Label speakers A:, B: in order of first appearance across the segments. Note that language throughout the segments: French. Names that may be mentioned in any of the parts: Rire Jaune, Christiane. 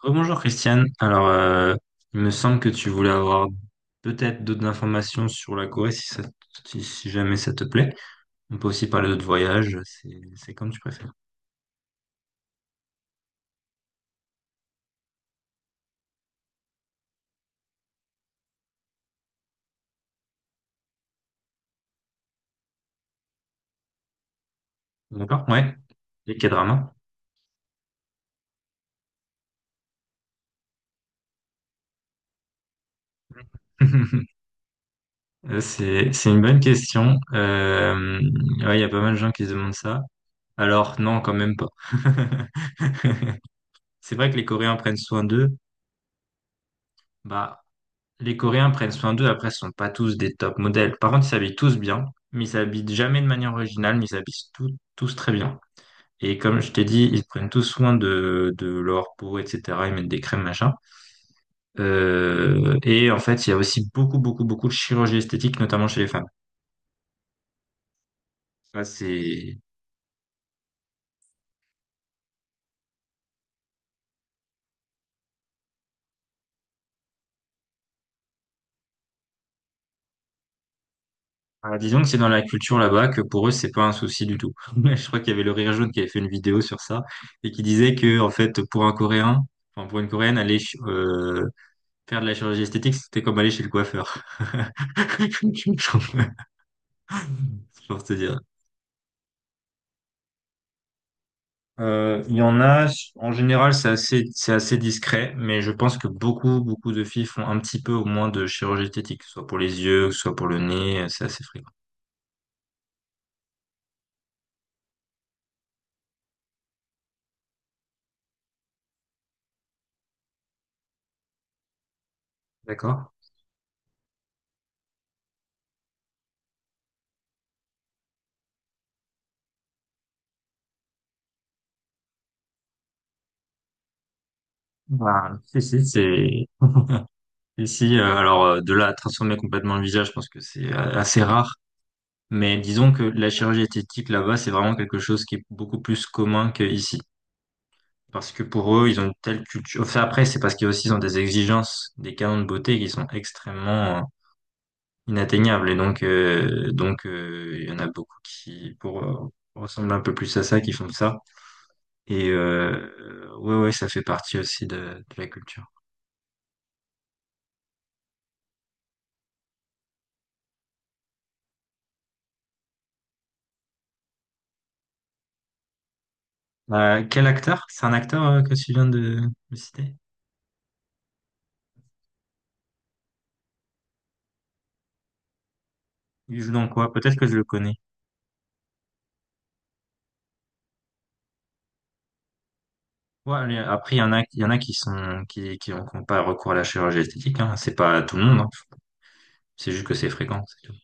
A: Rebonjour Christiane. Alors, il me semble que tu voulais avoir peut-être d'autres informations sur la Corée si jamais ça te plaît. On peut aussi parler d'autres voyages, c'est comme tu préfères. D'accord? Ouais. Les quel drama? C'est une bonne question. Ouais, il y a pas mal de gens qui se demandent ça. Alors, non, quand même pas. C'est vrai que les Coréens prennent soin d'eux. Bah, les Coréens prennent soin d'eux, après, ce sont pas tous des top modèles. Par contre, ils s'habillent tous bien, mais ils s'habillent jamais de manière originale, mais ils s'habillent tous très bien. Et comme je t'ai dit, ils prennent tous soin de leur peau, etc. Ils mettent des crèmes, machin. Et en fait, il y a aussi beaucoup, beaucoup, beaucoup de chirurgie esthétique, notamment chez les femmes. Ça, c'est… Ah, disons que c'est dans la culture là-bas que pour eux, c'est pas un souci du tout. Je crois qu'il y avait le Rire Jaune qui avait fait une vidéo sur ça et qui disait que, en fait, pour un Coréen, enfin, pour une Coréenne, aller euh, faire de la chirurgie esthétique, c'était comme aller chez le coiffeur. C'est pour te dire. Il y en a, en général, c'est assez discret, mais je pense que beaucoup, beaucoup de filles font un petit peu au moins de chirurgie esthétique, que ce soit pour les yeux, que ce soit pour le nez, c'est assez fréquent. D'accord? Bah, si, c'est… Ici, de là à transformer complètement le visage, je pense que c'est assez rare. Mais disons que la chirurgie esthétique là-bas, c'est vraiment quelque chose qui est beaucoup plus commun qu'ici. Parce que pour eux, ils ont une telle culture. Enfin, après, c'est parce qu'ils aussi ils ont des exigences, des canons de beauté qui sont extrêmement inatteignables. Et donc, il y en a beaucoup qui, pour ressembler un peu plus à ça, qui font ça. Et ouais, ouais, ça fait partie aussi de la culture. Quel acteur? C'est un acteur que tu viens de citer? Il joue dans quoi? Peut-être que je le connais. Ouais, allez, après, il y en a qui sont, qui ont qui ont pas recours à la chirurgie esthétique, hein. C'est pas tout le monde, hein. C'est juste que c'est fréquent, c'est tout.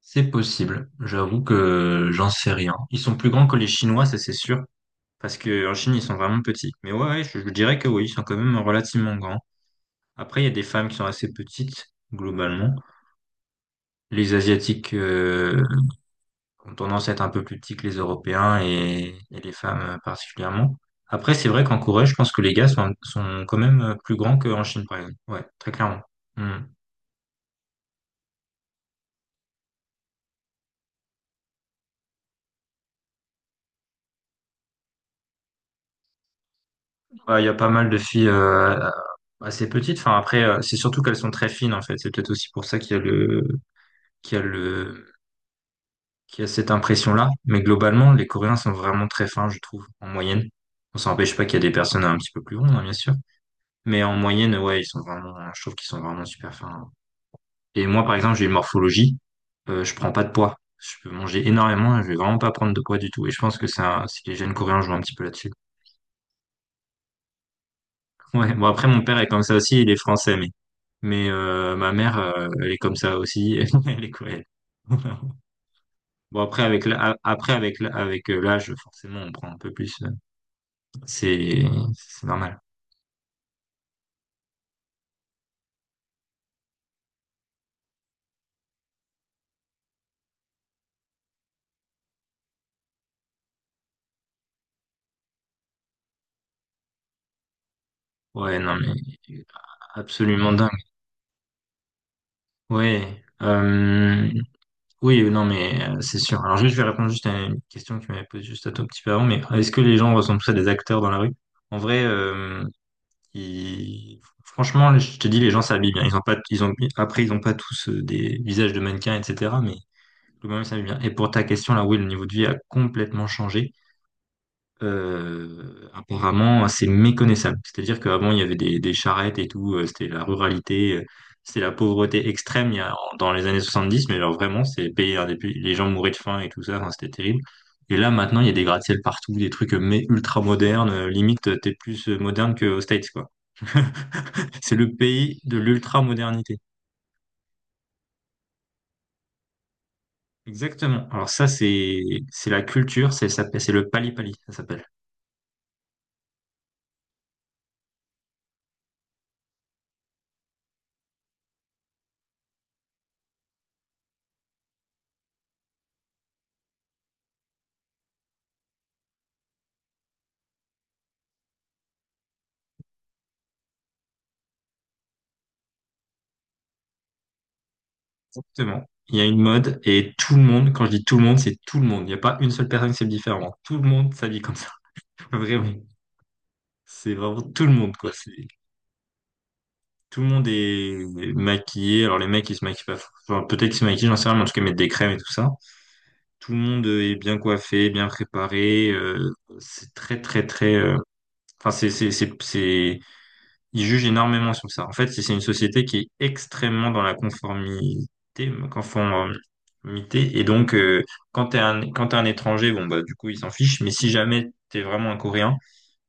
A: C'est possible. J'avoue que j'en sais rien. Ils sont plus grands que les Chinois, ça c'est sûr. Parce que en Chine, ils sont vraiment petits. Mais ouais, ouais, je dirais que oui, ils sont quand même relativement grands. Après, il y a des femmes qui sont assez petites, globalement. Les Asiatiques ont tendance à être un peu plus petits que les Européens et les femmes particulièrement. Après, c'est vrai qu'en Corée, je pense que les gars sont quand même plus grands qu'en Chine, par exemple. Ouais, très clairement. Hmm. Bah, il y a pas mal de filles assez petites. Enfin, après, c'est surtout qu'elles sont très fines, en fait. C'est peut-être aussi pour ça qu'il y a le, qu'il y a cette impression-là. Mais globalement, les Coréens sont vraiment très fins, je trouve, en moyenne. On s'empêche pas qu'il y a des personnes un petit peu plus grandes, hein, bien sûr. Mais en moyenne, ouais, ils sont vraiment, je trouve qu'ils sont vraiment super fins. Et moi, par exemple, j'ai une morphologie, je prends pas de poids. Je peux manger énormément et je vais vraiment pas prendre de poids du tout. Et je pense que c'est que les jeunes coréens jouent un petit peu là-dessus. Ouais, bon après, mon père est comme ça aussi, il est français, mais ma mère, elle est comme ça aussi, elle est coréenne. Bon, après, avec l'âge, forcément, on prend un peu plus. C'est, c'est normal. Ouais, non, mais absolument dingue. Ouais. Oui, non, mais c'est sûr. Alors juste, je vais répondre juste à une question que tu m'avais posée juste un tout petit peu avant, mais est-ce que les gens ressemblent tous à des acteurs dans la rue? En vrai, franchement, je te dis, les gens s'habillent bien. Ils ont, après, ils ont pas tous des visages de mannequins, etc. Mais globalement, ils s'habillent bien. Et pour ta question, là, oui, le niveau de vie a complètement changé, apparemment assez méconnaissable. C'est-à-dire qu'avant, il y avait des charrettes et tout, c'était la ruralité, c'était la pauvreté extrême il y a, en- dans les années 70, mais alors vraiment, c'est payé un des pays- les gens mouraient de faim et tout ça, enfin, c'était terrible. Et là, maintenant, il y a des gratte-ciel partout, des trucs mais ultra modernes, limite, t'es plus moderne qu'aux States, quoi. C'est le pays de l'ultra-modernité. Exactement. Alors ça, c'est la culture, c'est ça, c'est le pali-pali, ça s'appelle. Exactement. Il y a une mode et tout le monde, quand je dis tout le monde, c'est tout le monde. Il n'y a pas une seule personne qui s'habille différemment. Tout le monde s'habille comme ça. Vraiment. C'est vraiment tout le monde, quoi. C'est, tout le monde est maquillé. Alors les mecs, ils se maquillent pas. Enfin, peut-être qu'ils se maquillent, j'en sais rien, mais en tout cas, ils mettent des crèmes et tout ça. Tout le monde est bien coiffé, bien préparé. C'est très, très, très… c'est… Ils jugent énormément sur ça. En fait, c'est une société qui est extrêmement dans la conformité, conformité. Et donc, quand quand t'es un étranger, bon, bah, du coup, ils s'en fichent. Mais si jamais t'es vraiment un Coréen,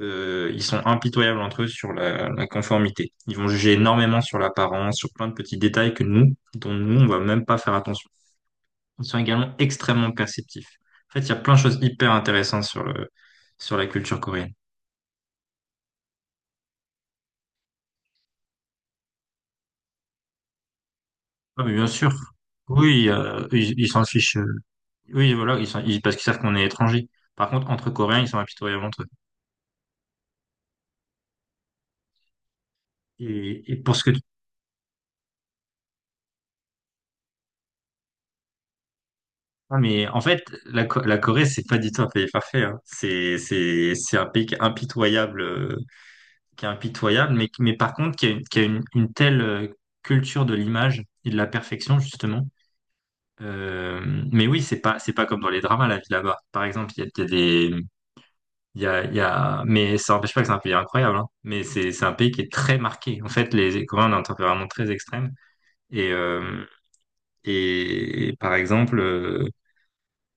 A: ils sont impitoyables entre eux sur la conformité. Ils vont juger énormément sur l'apparence, sur plein de petits détails que nous, dont nous, on va même pas faire attention. Ils sont également extrêmement perceptifs. En fait, il y a plein de choses hyper intéressantes sur le, sur la culture coréenne. Ah, mais bien sûr. Oui, ils s'en fichent. Oui, voilà, parce qu'ils savent qu'on est étranger. Par contre, entre Coréens, ils sont impitoyables entre eux. Et pour ce que tu… Ah, mais en fait, la Corée, c'est pas du tout un pays parfait. Hein. C'est un pays qui est impitoyable, mais par contre, qui a une telle culture de l'image et de la perfection, justement. Euh, mais oui, c'est pas comme dans les dramas, la vie là-bas. Par exemple, il y a des… il y a… Mais ça n'empêche pas que c'est un pays incroyable. Hein. Mais c'est un pays qui est très marqué. En fait, les Coréens ont un tempérament très extrême. Et, euh, et par exemple,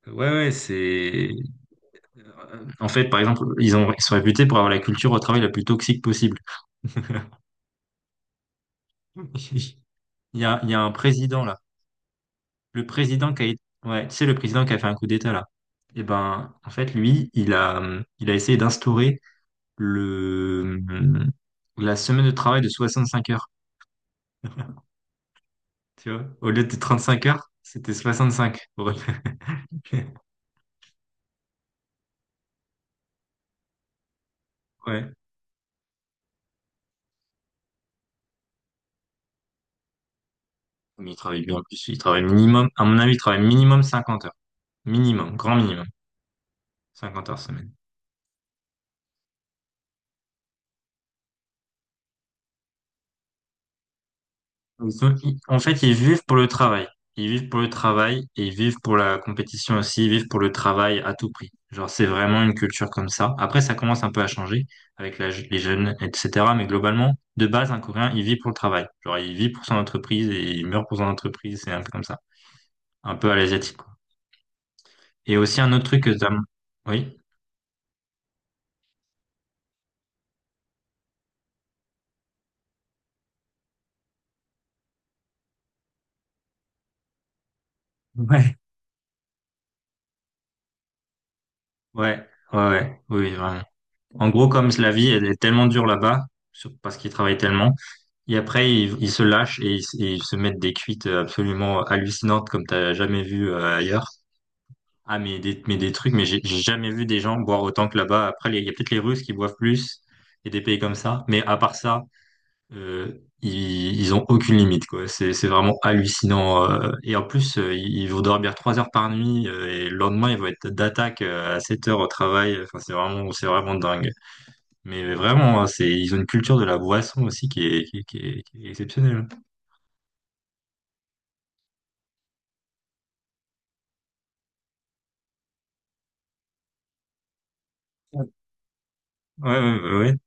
A: ouais, ouais, c'est. En fait, par exemple, ils sont réputés pour avoir la culture au travail la plus toxique possible. Il il y a un président là. Le président qui a, ouais, tu sais, le président qui a fait un coup d'État là. Et ben, en fait, lui, il a essayé d'instaurer le, la semaine de travail de 65 heures. Tu vois, au lieu de 35 heures, c'était 65. Ouais. Mais il travaille bien plus. Il travaille minimum, à mon avis, il travaille minimum 50 heures. Minimum, grand minimum. 50 heures semaine. En fait, ils vivent pour le travail. Ils vivent pour le travail et ils vivent pour la compétition aussi. Ils vivent pour le travail à tout prix. Genre, c'est vraiment une culture comme ça. Après, ça commence un peu à changer avec les jeunes, etc. Mais globalement, de base, un Coréen, il vit pour le travail. Genre, il vit pour son entreprise et il meurt pour son entreprise. C'est un peu comme ça. Un peu à l'asiatique, quoi. Et aussi, un autre truc que t'as… Oui? Ouais. Ouais. Ouais, ouais. Oui, vraiment. En gros, comme la vie, elle est tellement dure là-bas, sur- parce qu'ils travaillent tellement, et après, ils se lâchent et ils se mettent des cuites absolument hallucinantes comme t'as jamais vu ailleurs. Ah, mais des trucs, mais j'ai jamais vu des gens boire autant que là-bas. Après, il y a peut-être les Russes qui boivent plus et des pays comme ça, mais à part ça, euh, ils ont aucune limite, quoi. C'est vraiment hallucinant. Et en plus, ils vont dormir trois heures par nuit, et le lendemain, ils vont être d'attaque, à 7 heures au travail. Enfin, c'est vraiment dingue. Mais vraiment, hein, c'est, ils ont une culture de la boisson aussi qui est exceptionnelle. Ouais, ouais, ouais. Ouais.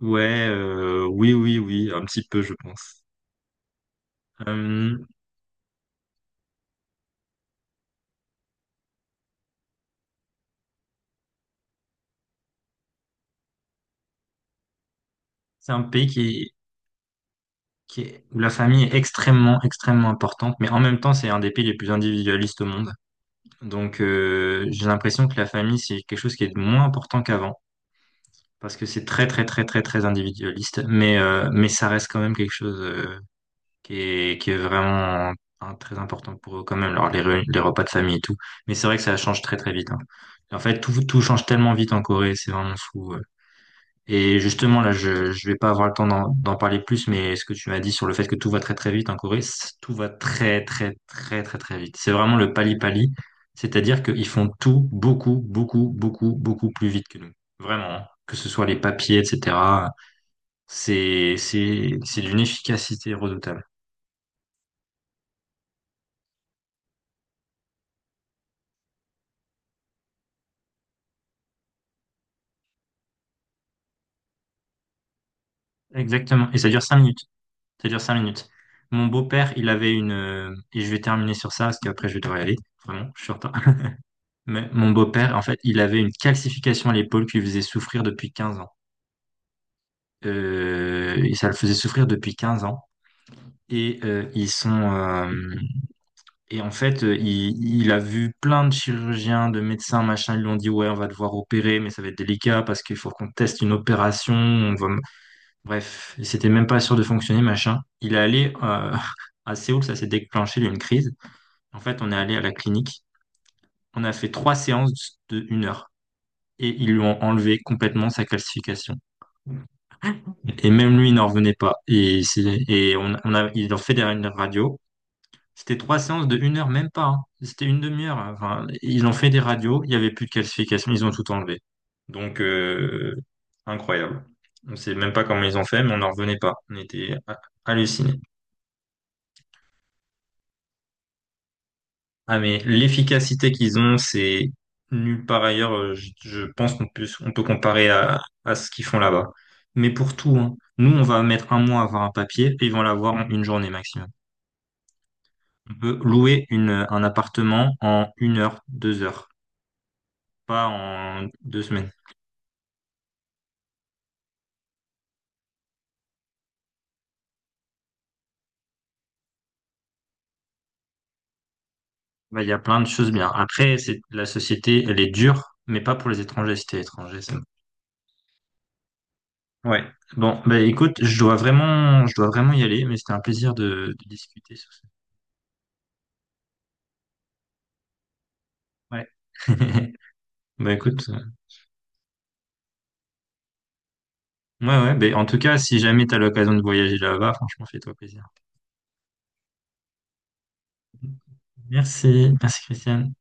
A: Ouais, oui, oui, oui, un petit peu, je pense. Euh, c'est un pays où la famille est extrêmement, extrêmement importante, mais en même temps, c'est un des pays les plus individualistes au monde. Donc, j'ai l'impression que la famille, c'est quelque chose qui est moins important qu'avant, parce que c'est très, très, très, très, très individualiste, mais ça reste quand même quelque chose. Qui est vraiment très important pour eux quand même, alors les repas de famille et tout. Mais c'est vrai que ça change très très vite, hein. En fait, tout change tellement vite en Corée, c'est vraiment fou, ouais. Et justement, là, je vais pas avoir le temps d'en parler plus, mais ce que tu m'as dit sur le fait que tout va très très vite en Corée, tout va très très très très très vite. C'est vraiment le pali-pali, c'est-à-dire qu'ils font tout beaucoup, beaucoup, beaucoup, beaucoup plus vite que nous. Vraiment, hein. Que ce soit les papiers, etc. C'est d'une efficacité redoutable. Exactement. Et ça dure cinq minutes. Ça dure cinq minutes. Mon beau-père, il avait une... Et je vais terminer sur ça, parce qu'après, je vais devoir y aller. Vraiment, je suis en retard. Mais mon beau-père, en fait, il avait une calcification à l'épaule qui lui faisait souffrir depuis 15 ans. Et ça le faisait souffrir depuis 15 ans. Et euh, ils sont... euh, Et en fait, il a vu plein de chirurgiens, de médecins, machin. Ils lui ont dit, ouais, on va devoir opérer, mais ça va être délicat parce qu'il faut qu'on teste une opération. On va... Bref, il s'était même pas sûr de fonctionner, machin. Il est allé à Séoul, ça s'est déclenché, il y a eu une crise. En fait, on est allé à la clinique. On a fait trois séances de une heure et ils lui ont enlevé complètement sa calcification. Et même lui, il n'en revenait pas. Et, et on a, ils l'ont fait derrière une radio. C'était trois séances de une heure, même pas, hein. C'était une demi-heure, hein. Enfin, ils ont fait des radios. Il n'y avait plus de calcification. Ils ont tout enlevé. Donc, incroyable. On ne sait même pas comment ils ont fait, mais on n'en revenait pas. On était hallucinés. Ah mais l'efficacité qu'ils ont, c'est nulle part ailleurs. Je pense qu'on peut, on peut comparer à ce qu'ils font là-bas. Mais pour tout, hein. Nous, on va mettre un mois à avoir un papier et ils vont l'avoir en une journée maximum. On peut louer un appartement en une heure, deux heures, pas en deux semaines. Bah, il y a plein de choses bien. Après, c'est, la société, elle est dure, mais pas pour les étrangers. Si t'es étranger, c'est bon. Ouais. Bon, bah, écoute, je dois vraiment y aller, mais c'était un plaisir de discuter sur ça. Ouais. Bah écoute, ouais, ouais, bah, en tout cas, si jamais tu as l'occasion de voyager là-bas, franchement, fais-toi plaisir. Merci, merci Christiane.